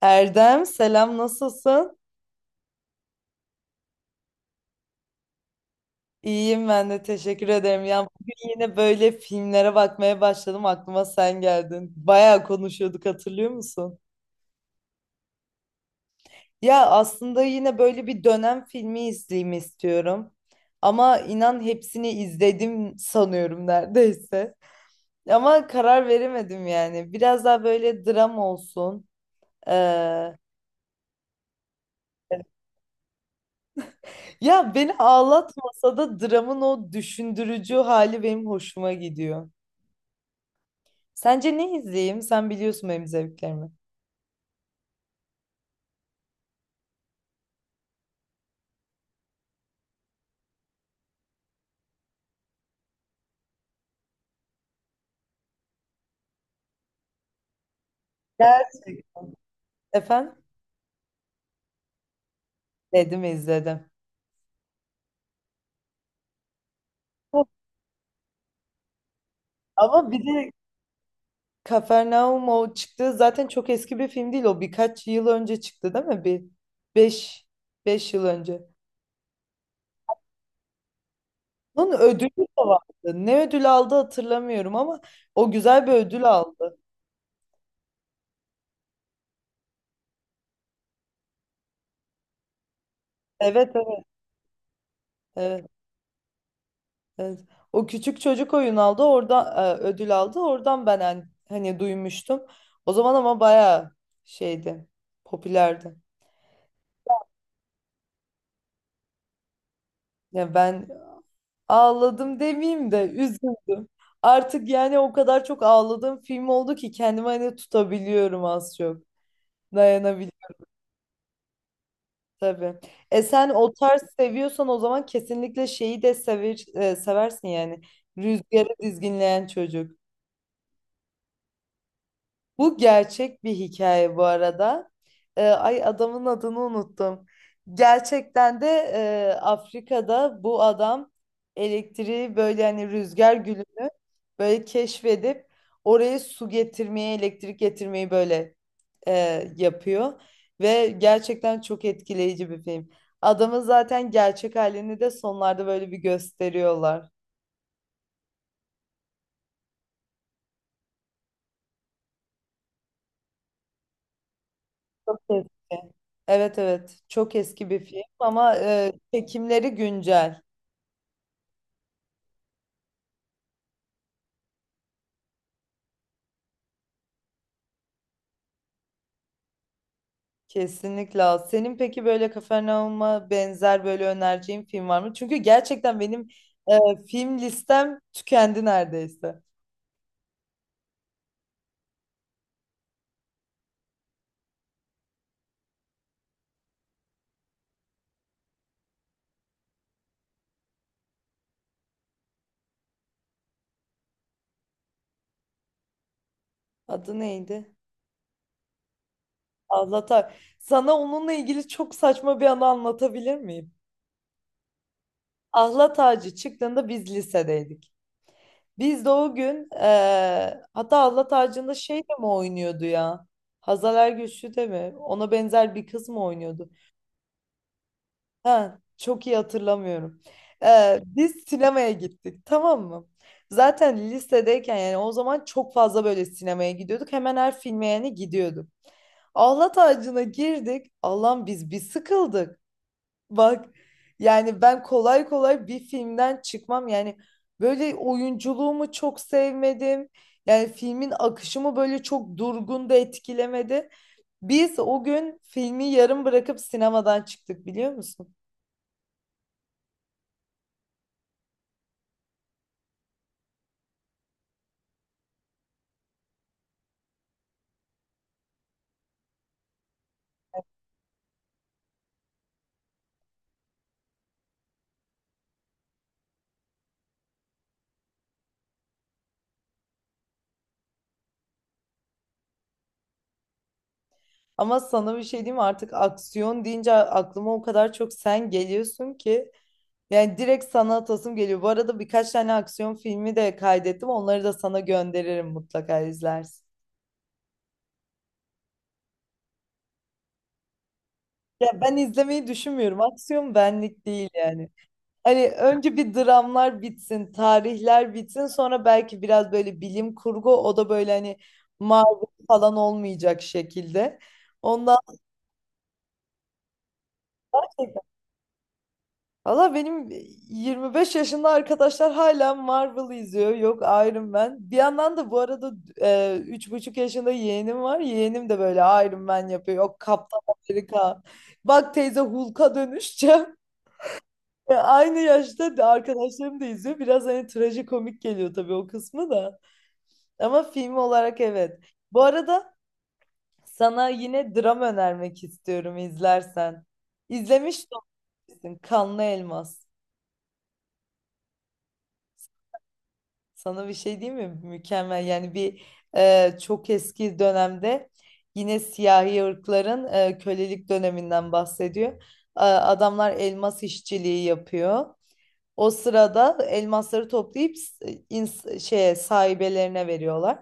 Erdem selam, nasılsın? İyiyim, ben de teşekkür ederim. Ya bugün yine böyle filmlere bakmaya başladım, aklıma sen geldin. Bayağı konuşuyorduk, hatırlıyor musun? Ya aslında yine böyle bir dönem filmi izleyeyim istiyorum. Ama inan hepsini izledim sanıyorum neredeyse. Ama karar veremedim yani. Biraz daha böyle dram olsun. Ee, ya beni ağlatmasa da dramın o düşündürücü hali benim hoşuma gidiyor. Sence ne izleyeyim? Sen biliyorsun benim zevklerimi. Gerçek. Efendim? Dedim izledim. Çok- Ama bir de Kafernaum o çıktı. Zaten çok eski bir film değil o. Birkaç yıl önce çıktı değil mi? Bir 5 5 yıl önce. Bunun ödülü de vardı. Ne ödül aldı hatırlamıyorum ama o güzel bir ödül aldı. Evet, evet. Evet. Evet. O küçük çocuk oyun aldı. Orada ödül aldı. Oradan ben hani duymuştum. O zaman ama bayağı şeydi. Popülerdi. Ya ben ağladım demeyeyim de üzüldüm. Artık yani o kadar çok ağladığım film oldu ki kendimi hani tutabiliyorum az çok. Dayanabiliyorum tabii. E sen o tarz seviyorsan o zaman kesinlikle şeyi de sever, seversin yani. Rüzgarı dizginleyen çocuk. Bu gerçek bir hikaye bu arada. Ay, adamın adını unuttum. Gerçekten de Afrika'da bu adam elektriği böyle hani rüzgar gülünü böyle keşfedip oraya su getirmeyi, elektrik getirmeyi böyle, e, yapıyor. Ve gerçekten çok etkileyici bir film. Adamın zaten gerçek halini de sonlarda böyle bir gösteriyorlar. Çok eski. Evet, evet. Çok eski bir film ama çekimleri güncel. Kesinlikle. Al. Senin peki böyle Kafernaum'a benzer böyle önereceğin film var mı? Çünkü gerçekten benim film listem tükendi neredeyse. Adı neydi? Ahlat Ağacı. Sana onunla ilgili çok saçma bir anı anlatabilir miyim? Ahlat Ağacı çıktığında biz lisedeydik. Biz de o gün hatta Allah tacında şey de mi oynuyordu ya? Hazal Ergüçlü de mi? Ona benzer bir kız mı oynuyordu? Ha, çok iyi hatırlamıyorum. Biz sinemaya gittik tamam mı? Zaten lisedeyken yani o zaman çok fazla böyle sinemaya gidiyorduk. Hemen her filme yani gidiyorduk. Allah tacına girdik. Allah'ım biz bir sıkıldık. Bak yani ben kolay kolay bir filmden çıkmam. Yani böyle oyunculuğumu çok sevmedim. Yani filmin akışımı böyle çok durgun da etkilemedi. Biz o gün filmi yarım bırakıp sinemadan çıktık, biliyor musun? Ama sana bir şey diyeyim mi? Artık aksiyon deyince aklıma o kadar çok sen geliyorsun ki. Yani direkt sana atasım geliyor. Bu arada birkaç tane aksiyon filmi de kaydettim. Onları da sana gönderirim, mutlaka izlersin. Ya ben izlemeyi düşünmüyorum. Aksiyon benlik değil yani. Hani önce bir dramlar bitsin, tarihler bitsin, sonra belki biraz böyle bilim kurgu, o da böyle hani Marvel falan olmayacak şekilde. Ondan Valla benim 25 yaşında arkadaşlar hala Marvel izliyor. Yok, Iron Man. Bir yandan da bu arada 3,5 yaşında yeğenim var. Yeğenim de böyle Iron Man yapıyor. Yok, Kaptan Amerika. Bak teyze, Hulk'a dönüşeceğim. Aynı yaşta da arkadaşlarım da izliyor. Biraz hani trajikomik geliyor tabii o kısmı da. Ama film olarak evet. Bu arada sana yine dram önermek istiyorum, izlersen. İzlemiş de olabilirsin. Kanlı Elmas. Sana bir şey diyeyim mi? Mükemmel. Yani bir, çok eski dönemde yine siyahi ırkların, kölelik döneminden bahsediyor. Adamlar elmas işçiliği yapıyor. O sırada elmasları toplayıp şeye, sahibelerine veriyorlar.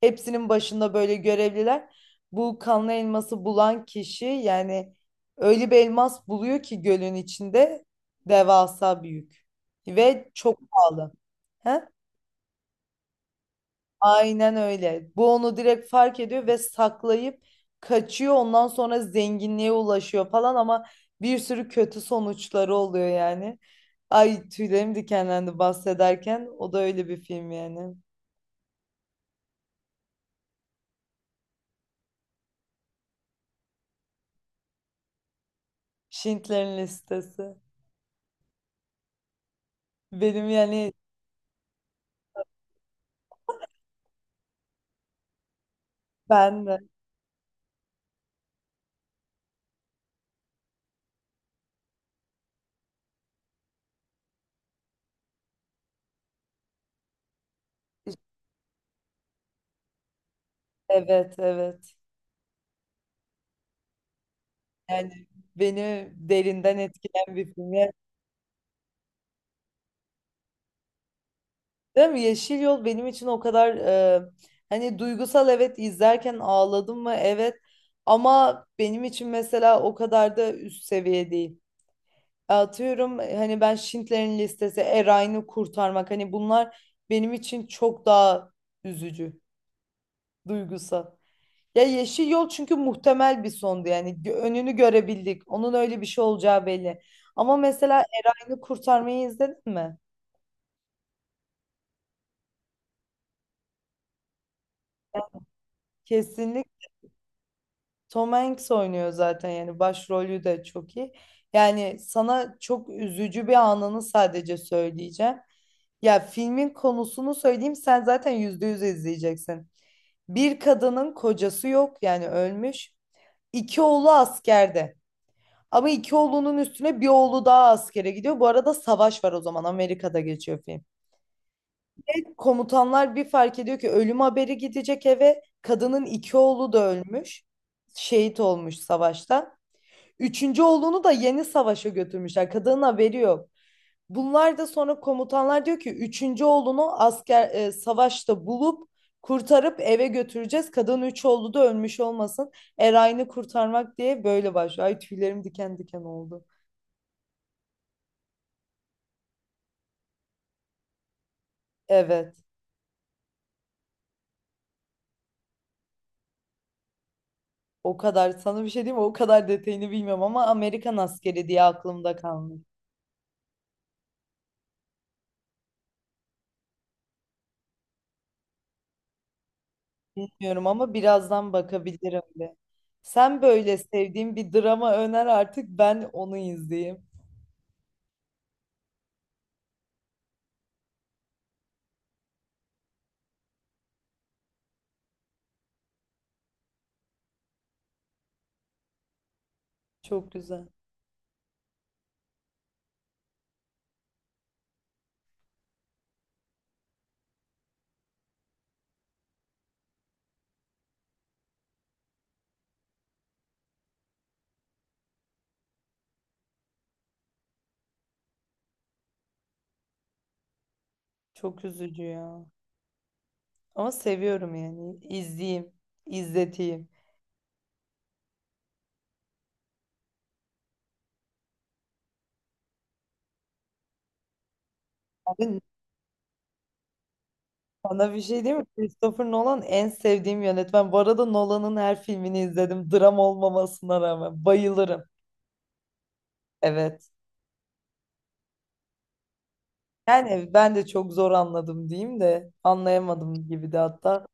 Hepsinin başında böyle görevliler. Bu kanlı elması bulan kişi yani öyle bir elmas buluyor ki gölün içinde, devasa büyük ve çok pahalı. He? Aynen öyle. Bu onu direkt fark ediyor ve saklayıp kaçıyor. Ondan sonra zenginliğe ulaşıyor falan ama bir sürü kötü sonuçları oluyor yani. Ay, tüylerim dikenlendi bahsederken. O da öyle bir film yani. Schindler'in Listesi. Benim yani ben de evet, evet. Yani beni derinden etkileyen bir film. Yani değil mi? Yeşil Yol benim için o kadar, hani duygusal, evet, izlerken ağladım mı, evet, ama benim için mesela o kadar da üst seviye değil. Atıyorum hani ben Schindler'in Listesi, Erayn'ı kurtarmak, hani bunlar benim için çok daha üzücü, duygusal. Ya Yeşil Yol çünkü muhtemel bir sondu yani. Önünü görebildik. Onun öyle bir şey olacağı belli. Ama mesela Erayn'ı kurtarmayı izledin mi? Kesinlikle. Tom Hanks oynuyor zaten, yani başrolü de çok iyi. Yani sana çok üzücü bir anını sadece söyleyeceğim. Ya filmin konusunu söyleyeyim sen zaten %100 izleyeceksin. Bir kadının kocası yok, yani ölmüş. İki oğlu askerde. Ama iki oğlunun üstüne bir oğlu daha askere gidiyor. Bu arada savaş var o zaman, Amerika'da geçiyor film. Komutanlar bir fark ediyor ki ölüm haberi gidecek eve. Kadının iki oğlu da ölmüş. Şehit olmuş savaşta. Üçüncü oğlunu da yeni savaşa götürmüşler. Kadının haberi yok. Bunlar da sonra komutanlar diyor ki üçüncü oğlunu asker, savaşta bulup kurtarıp eve götüreceğiz. Kadın üç oğlu da ölmüş olmasın. Erayn'ı kurtarmak diye böyle başlıyor. Ay, tüylerim diken diken oldu. Evet. O kadar, sana bir şey diyeyim mi? O kadar detayını bilmiyorum ama Amerikan askeri diye aklımda kalmış. Bilmiyorum ama birazdan bakabilirim de. Sen böyle sevdiğin bir drama öner artık, ben onu izleyeyim. Çok güzel. Çok üzücü ya. Ama seviyorum yani. İzleyeyim, izleteyim. Abi, sana bir şey değil mi? Christopher Nolan en sevdiğim yönetmen. Bu arada Nolan'ın her filmini izledim. Dram olmamasına rağmen. Bayılırım. Evet. Yani ben de çok zor anladım diyeyim de anlayamadım gibi de hatta.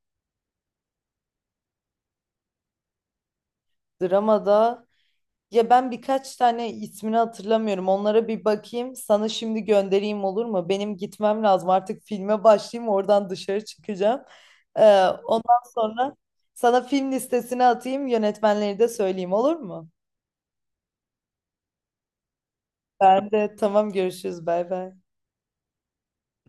Dramada Ya ben birkaç tane ismini hatırlamıyorum. Onlara bir bakayım. Sana şimdi göndereyim olur mu? Benim gitmem lazım. Artık filme başlayayım. Oradan dışarı çıkacağım. Ondan sonra sana film listesini atayım. Yönetmenleri de söyleyeyim olur mu? Ben de tamam, görüşürüz. Bay bay.